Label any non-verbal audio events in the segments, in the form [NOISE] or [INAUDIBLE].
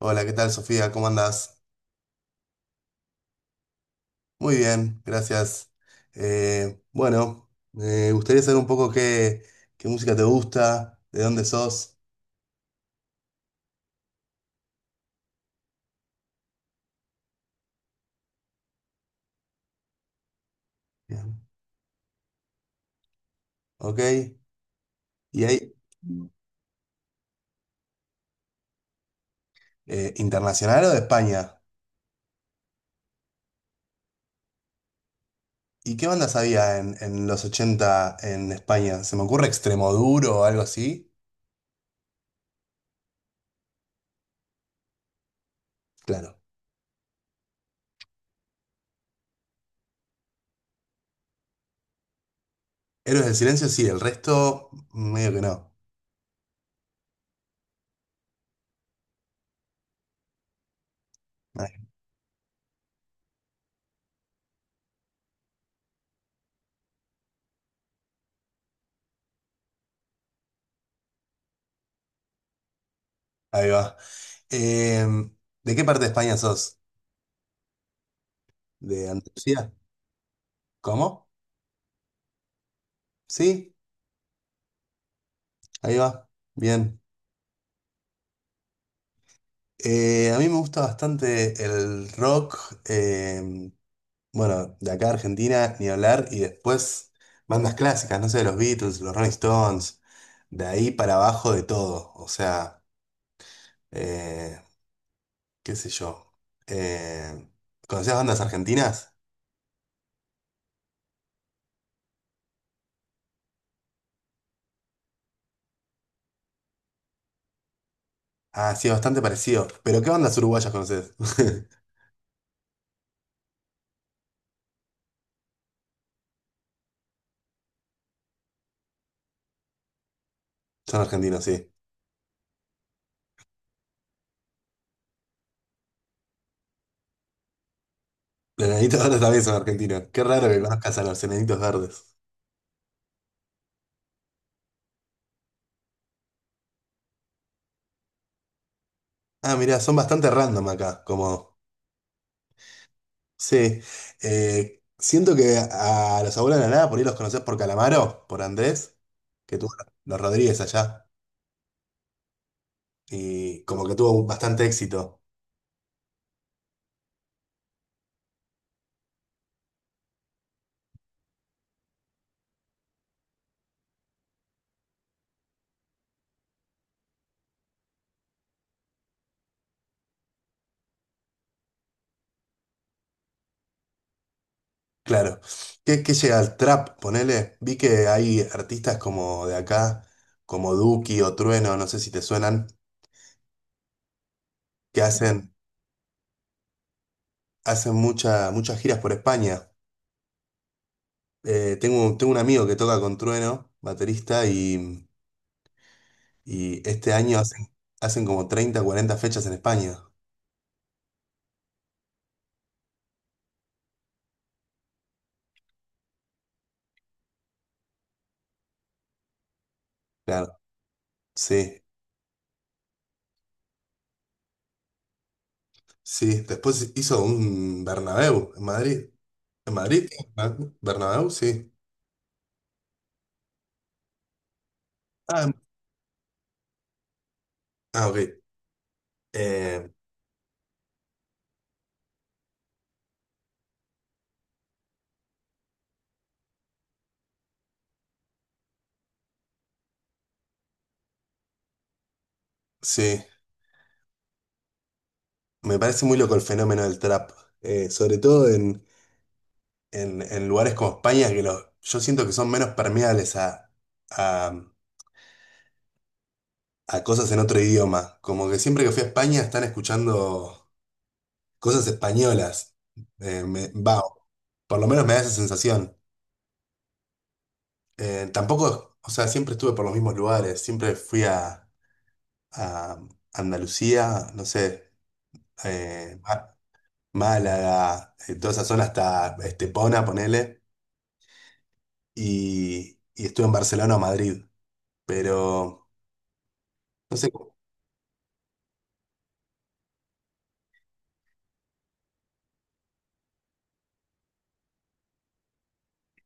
Hola, ¿qué tal, Sofía? ¿Cómo andás? Muy bien, gracias. Bueno, me gustaría saber un poco qué música te gusta, de dónde sos. Bien. Ok. ¿Y ahí, internacional o de España? ¿Y qué bandas había en los 80 en España? ¿Se me ocurre Extremoduro o algo así? Claro. Héroes del Silencio, sí, el resto, medio que no. Ahí ahí va. Em, ¿De qué parte de España sos? ¿De Andalucía? ¿Cómo? ¿Sí? Ahí va, bien. A mí me gusta bastante el rock, eh, bueno, de acá a Argentina, ni hablar, y después bandas clásicas, no sé, los Beatles, los Rolling Stones, de ahí para abajo de todo, o sea, eh, qué sé yo. Eh, ¿Conocías bandas argentinas? Ah, sí, bastante parecido. ¿Pero qué bandas uruguayas conoces? [LAUGHS] Son argentinos, sí. Los Enanitos Verdes también son argentinos. Qué raro que conozcas a los Enanitos Verdes. Ah, mirá, son bastante random acá, como... Sí, siento que a los abuelos de la nada por ahí los conocés por Calamaro, por Andrés, que tuvo los Rodríguez allá, y como que tuvo bastante éxito, claro. ¿Qué llega al trap? Ponele, vi que hay artistas como de acá, como Duki o Trueno, no sé si te suenan, que hacen muchas giras por España. Tengo un amigo que toca con Trueno, baterista, y este año hacen como 30 40 fechas en España. Claro. Sí, sí. Después hizo un Bernabéu en Madrid. ¿En Madrid? ¿No? ¿Bernabéu? Sí. Ah, en- ah, ok. Eh, sí, me parece muy loco el fenómeno del trap. Sobre todo en lugares como España, que yo siento que son menos permeables a, a cosas en otro idioma. Como que siempre que fui a España están escuchando cosas españolas. Va, por lo menos me da esa sensación. Tampoco, o sea, siempre estuve por los mismos lugares, siempre fui a Andalucía, no sé, eh, Ma- Málaga, toda esa zona hasta Estepona, ponele, y estuve en Barcelona o Madrid, pero, no sé,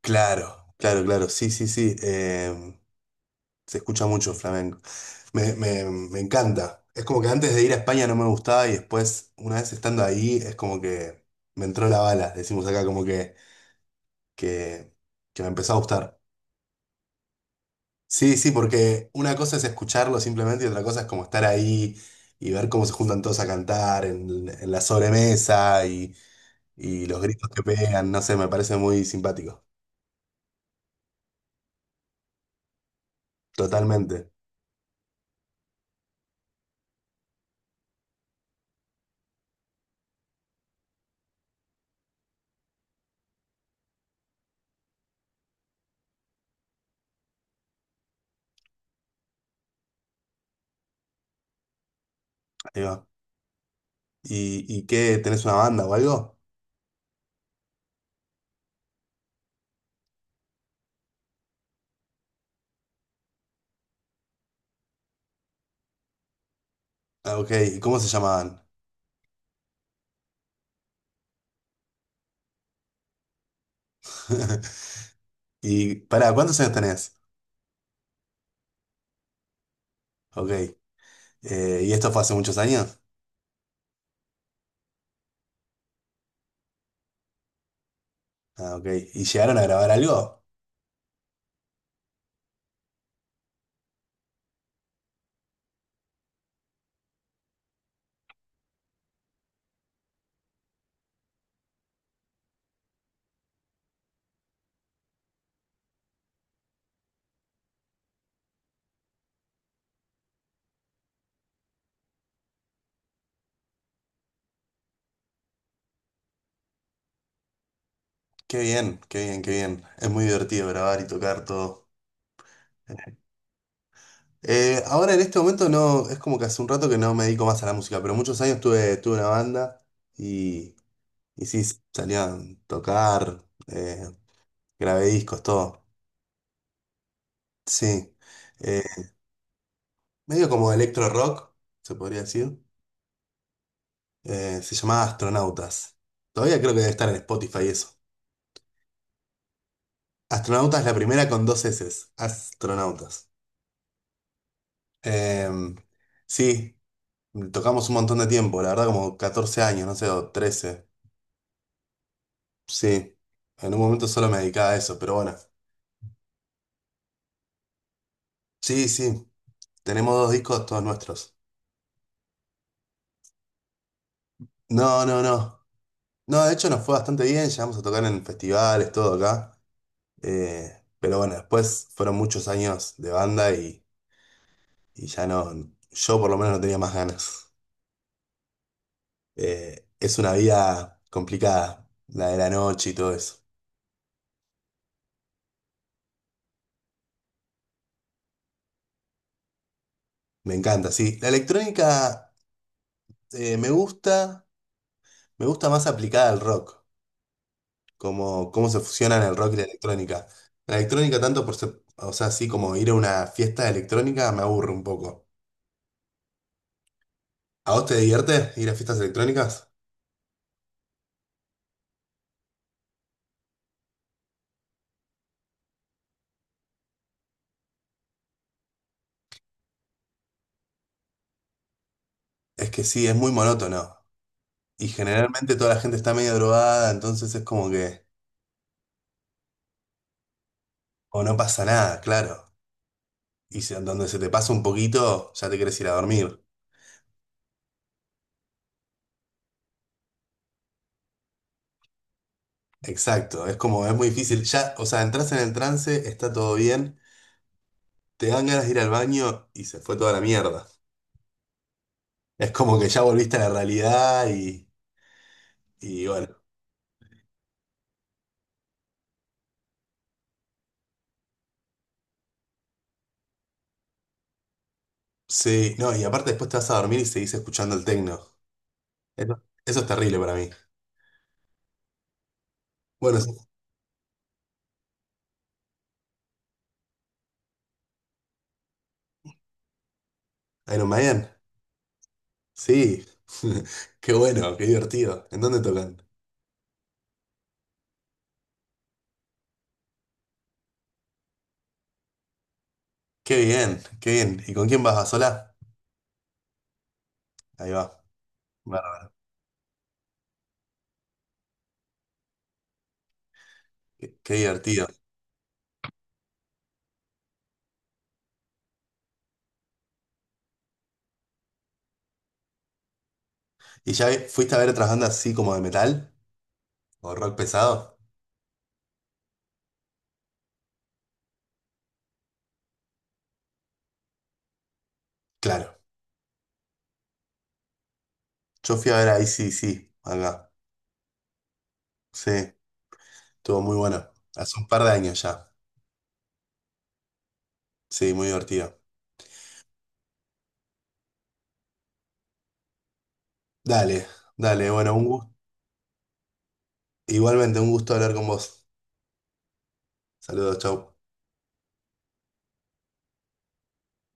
claro, claro, claro, sí, sí, sí, se escucha mucho flamenco, me encanta, es como que antes de ir a España no me gustaba y después, una vez estando ahí, es como que me entró la bala, decimos acá, como que... que, que me empezó a gustar. Sí, sí, porque una cosa es escucharlo simplemente y otra cosa es como estar ahí y ver cómo se juntan todos a cantar en la sobremesa y los gritos que pegan, no sé, me parece muy simpático. Totalmente. Ahí va. Y qué? ¿Tenés una banda o algo? Ah, ok, ¿y cómo se llamaban? [LAUGHS] Y pará, ¿cuántos años tenés? Ok. ¿Y esto fue hace muchos años? Ah, ok. ¿Y llegaron a grabar algo? Qué bien, qué bien, qué bien. Es muy divertido grabar y tocar todo. Ahora en este momento no, es como que hace un rato que no me dedico más a la música, pero muchos años tuve una banda y, y sí, salía a tocar, grabé discos, todo. Sí. Eh, medio como electro rock, se podría decir. Se llamaba Astronautas. Todavía creo que debe estar en Spotify eso. Astronautas, la primera con dos eses. Astronautas. Em, sí, tocamos un montón de tiempo, la verdad como 14 años, no sé, o 13. Sí, en un momento solo me dedicaba a eso, pero bueno. Sí, sí, tenemos dos discos todos nuestros. No, no, no. No, de hecho nos fue bastante bien, llegamos a tocar en festivales, todo acá. Pero bueno, después fueron muchos años de banda y ya no, yo por lo menos no tenía más ganas. [LAUGHS] Es una vida complicada, la de la noche y todo eso. Me encanta, sí. La electrónica eh, me gusta, me gusta más aplicada al rock. Cómo se fusionan el rock y la electrónica. La electrónica tanto por, o sea, así como ir a una fiesta de electrónica me aburre un poco. ¿A vos te divierte ir a fiestas electrónicas? Es que sí, es muy monótono. Y generalmente toda la gente está medio drogada, entonces es como que, o no pasa nada, claro. Donde se te pasa un poquito, ya te querés ir a dormir. Exacto, es como, es muy difícil. Ya, o sea, entras en el trance, está todo bien, te dan ganas de ir al baño y se fue toda la mierda. Es como que ya volviste a la realidad y bueno, sí, no, y aparte después te vas a dormir y seguís escuchando el techno. Eso es terrible para mí. Bueno, sí, Iron Maiden, sí. [LAUGHS] Qué bueno, qué divertido. ¿En dónde tocan? Qué bien, qué bien. ¿Y con quién vas? ¿A sola? Ahí va. Bárbaro. Qué, qué divertido. ¿Y ya fuiste a ver otras bandas así como de metal? ¿O rock pesado? Claro. Yo fui a ver a sí acá. Sí, estuvo muy bueno. Hace un par de años ya. Sí, muy divertido. Dale, dale, bueno, un gusto. Igualmente, un gusto hablar con vos. Saludos, chau.